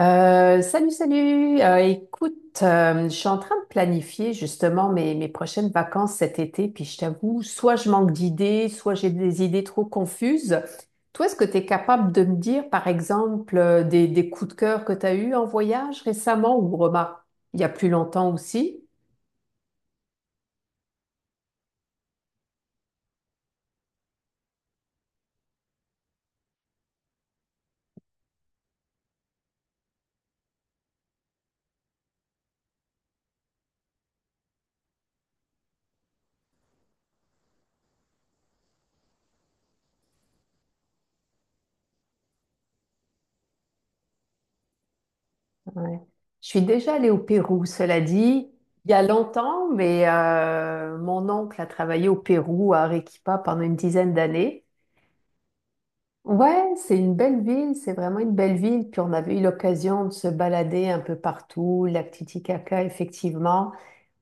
Salut, salut. Écoute, je suis en train de planifier justement mes prochaines vacances cet été, puis je t'avoue, soit je manque d'idées, soit j'ai des idées trop confuses. Toi, est-ce que tu es capable de me dire, par exemple, des coups de cœur que tu as eus en voyage récemment ou remarque, il y a plus longtemps aussi? Ouais. Je suis déjà allée au Pérou, cela dit, il y a longtemps, mais mon oncle a travaillé au Pérou, à Arequipa, pendant une dizaine d'années. Ouais, c'est une belle ville, c'est vraiment une belle ville. Puis on avait eu l'occasion de se balader un peu partout, lac Titicaca, effectivement.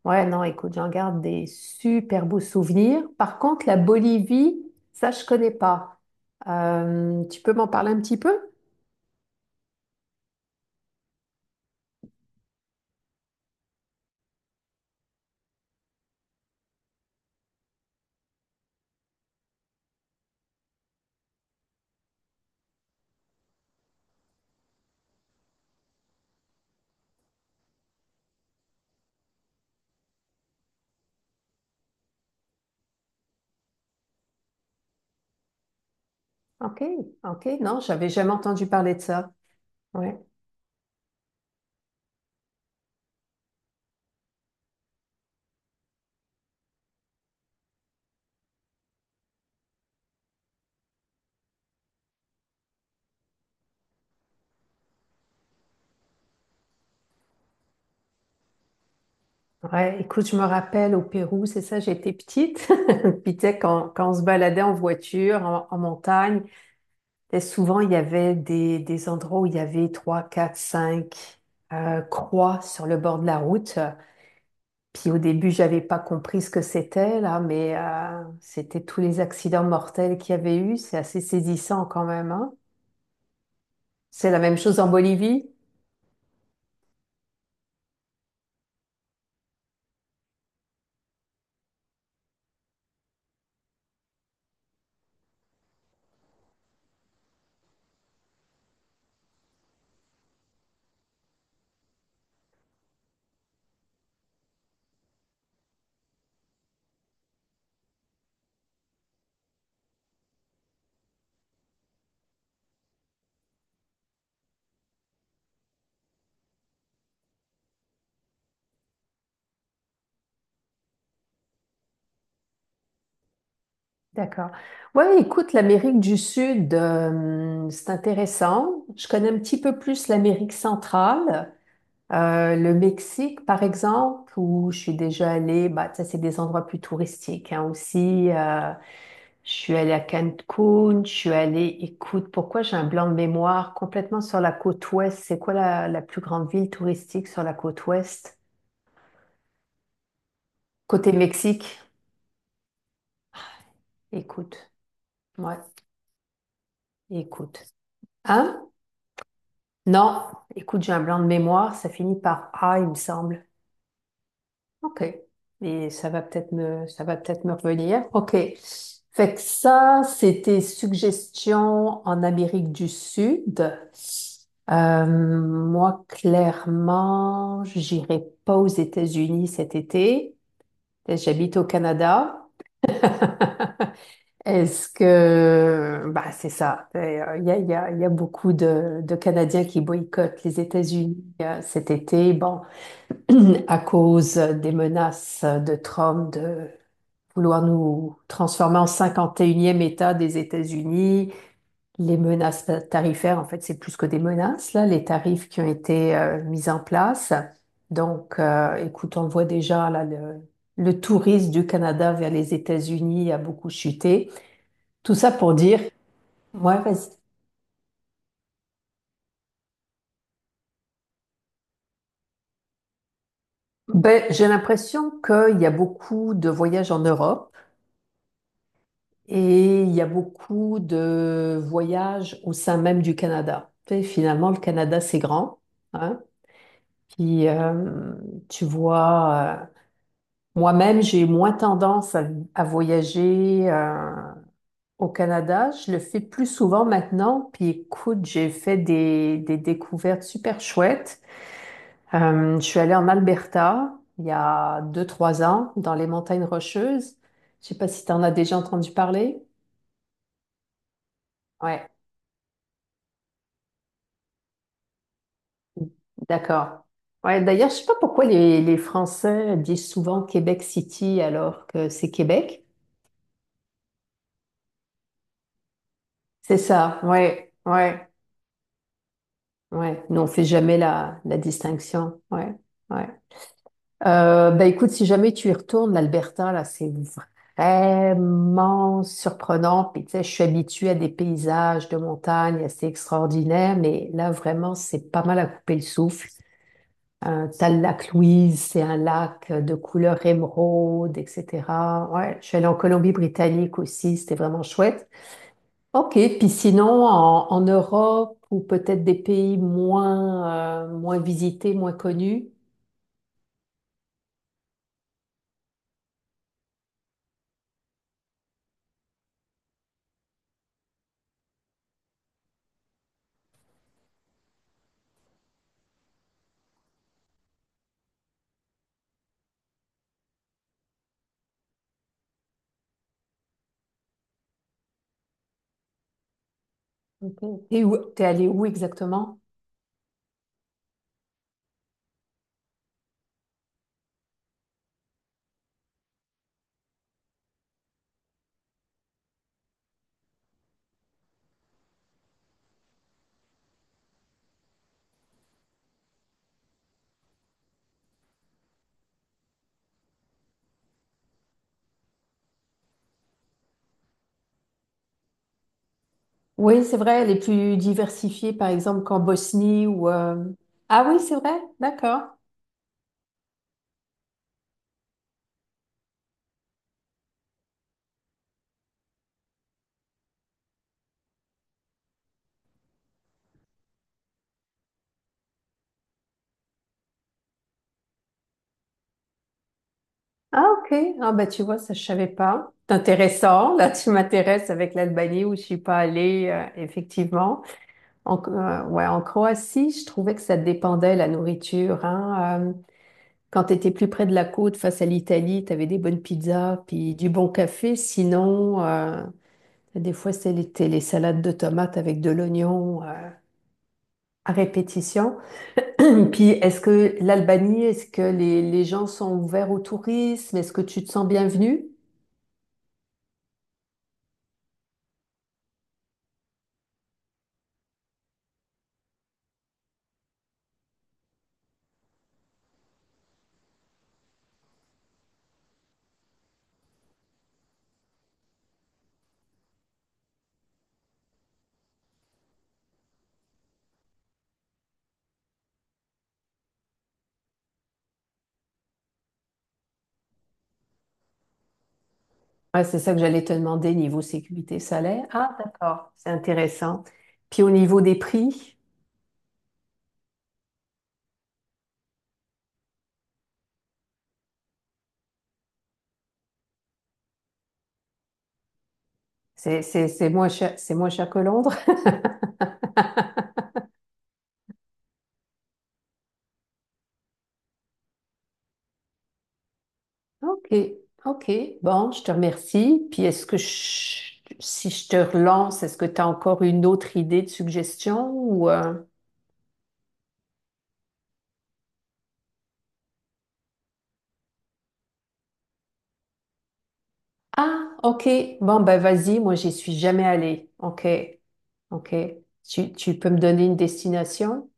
Ouais, non, écoute, j'en garde des super beaux souvenirs. Par contre, la Bolivie, ça, je connais pas. Tu peux m'en parler un petit peu? Ok, ok, non, j'avais jamais entendu parler de ça. Ouais, ouais, écoute, je me rappelle au Pérou, c'est ça, j'étais petite. Puis tu sais, quand on se baladait en voiture, en montagne. Et souvent, il y avait des endroits où il y avait trois, quatre, cinq croix sur le bord de la route. Puis au début, j'avais pas compris ce que c'était là, mais c'était tous les accidents mortels qu'il y avait eu. C'est assez saisissant quand même, hein. C'est la même chose en Bolivie. D'accord. Ouais, écoute, l'Amérique du Sud, c'est intéressant. Je connais un petit peu plus l'Amérique centrale. Le Mexique, par exemple, où je suis déjà allée, bah, ça, c'est des endroits plus touristiques, hein, aussi. Je suis allée à Cancun, je suis allée, écoute, pourquoi j'ai un blanc de mémoire complètement sur la côte ouest? C'est quoi la plus grande ville touristique sur la côte ouest? Côté Mexique, écoute, ouais, écoute. Hein? Non, écoute, j'ai un blanc de mémoire, ça finit par A, il me semble. Ok. Et ça va peut-être me revenir. Ok. Fait que ça, c'était suggestions en Amérique du Sud. Moi, clairement, j'irai pas aux États-Unis cet été. J'habite au Canada. Est-ce que, bah, c'est ça. Il y a beaucoup de Canadiens qui boycottent les États-Unis cet été. Bon, à cause des menaces de Trump de vouloir nous transformer en 51e État des États-Unis, les menaces tarifaires, en fait, c'est plus que des menaces, là, les tarifs qui ont été mis en place. Donc, écoute, on le voit déjà, là, le tourisme du Canada vers les États-Unis a beaucoup chuté. Tout ça pour dire, ouais, vas-y. Ben, j'ai l'impression qu'il y a beaucoup de voyages en Europe et il y a beaucoup de voyages au sein même du Canada. Tu sais, finalement, le Canada, c'est grand, hein. Puis, tu vois, moi-même, j'ai moins tendance à voyager au Canada. Je le fais plus souvent maintenant. Puis, écoute, j'ai fait des découvertes super chouettes. Je suis allée en Alberta il y a deux, trois ans, dans les montagnes Rocheuses. Je sais pas si tu en as déjà entendu parler. Ouais, d'accord. Ouais, d'ailleurs, je sais pas pourquoi les Français disent souvent Québec City alors que c'est Québec. C'est ça, ouais, ouais, ouais. Nous, on fait jamais la distinction, ouais, ouais. Bah écoute, si jamais tu y retournes, l'Alberta, là, c'est vraiment surprenant. Puis tu sais, je suis habituée à des paysages de montagne assez extraordinaires, mais là, vraiment, c'est pas mal à couper le souffle. T'as le lac Louise, c'est un lac de couleur émeraude, etc. Ouais, je suis allée en Colombie-Britannique aussi, c'était vraiment chouette. Ok, puis sinon, en Europe ou peut-être des pays moins, moins visités, moins connus. Mhm. Et où, t'es allé où exactement? Oui, c'est vrai, les plus diversifiés, par exemple, qu'en Bosnie ou Ah oui, c'est vrai, d'accord. Ah ok, ah bah tu vois, ça je savais pas. C'est intéressant, là tu m'intéresses avec l'Albanie où je suis pas allée, effectivement. Ouais, en Croatie, je trouvais que ça dépendait la nourriture, hein. Quand tu étais plus près de la côte, face à l'Italie, tu avais des bonnes pizzas, puis du bon café. Sinon, des fois, c'était les salades de tomates avec de l'oignon à répétition. Puis, est-ce que l'Albanie, est-ce que les gens sont ouverts au tourisme? Est-ce que tu te sens bienvenue? Ouais, c'est ça que j'allais te demander, niveau sécurité salaire. Ah, d'accord, c'est intéressant. Puis au niveau des prix, c'est moins cher, c'est moins cher que Londres. OK. OK. Bon, je te remercie. Puis est-ce que si je te relance, est-ce que tu as encore une autre idée de suggestion ou Ah, OK. Bon, ben vas-y, moi j'y suis jamais allée. OK. OK. Tu peux me donner une destination?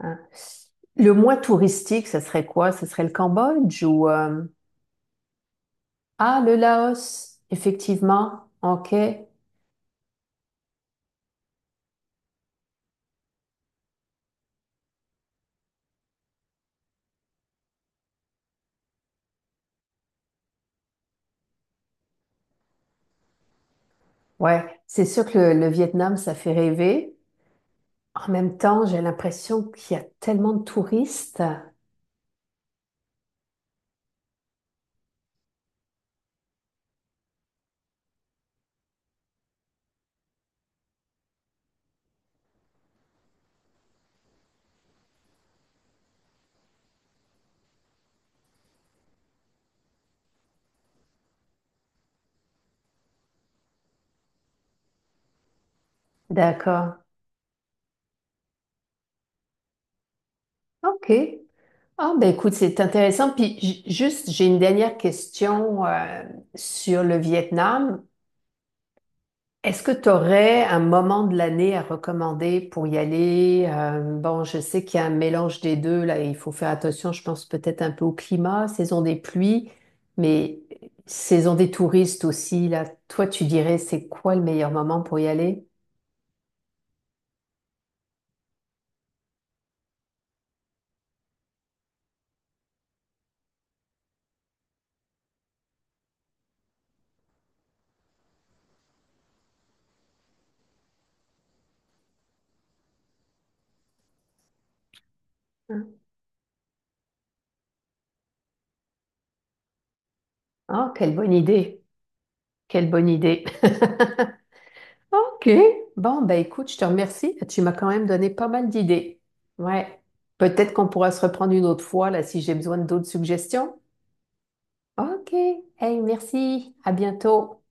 Hein. Le moins touristique, ça serait quoi? Ce serait le Cambodge ou Ah, le Laos, effectivement. OK. Ouais, c'est sûr que le Vietnam, ça fait rêver. En même temps, j'ai l'impression qu'il y a tellement de touristes. D'accord. OK. Ah, ben écoute, c'est intéressant. Puis juste, j'ai une dernière question sur le Vietnam. Est-ce que tu aurais un moment de l'année à recommander pour y aller? Bon, je sais qu'il y a un mélange des deux, là, il faut faire attention, je pense peut-être un peu au climat, saison des pluies, mais saison des touristes aussi, là. Toi, tu dirais, c'est quoi le meilleur moment pour y aller? Ah, quelle bonne idée! Quelle bonne idée. OK. Bon, ben écoute, je te remercie. Tu m'as quand même donné pas mal d'idées. Ouais. Peut-être qu'on pourra se reprendre une autre fois là si j'ai besoin d'autres suggestions. OK. Hey, merci. À bientôt.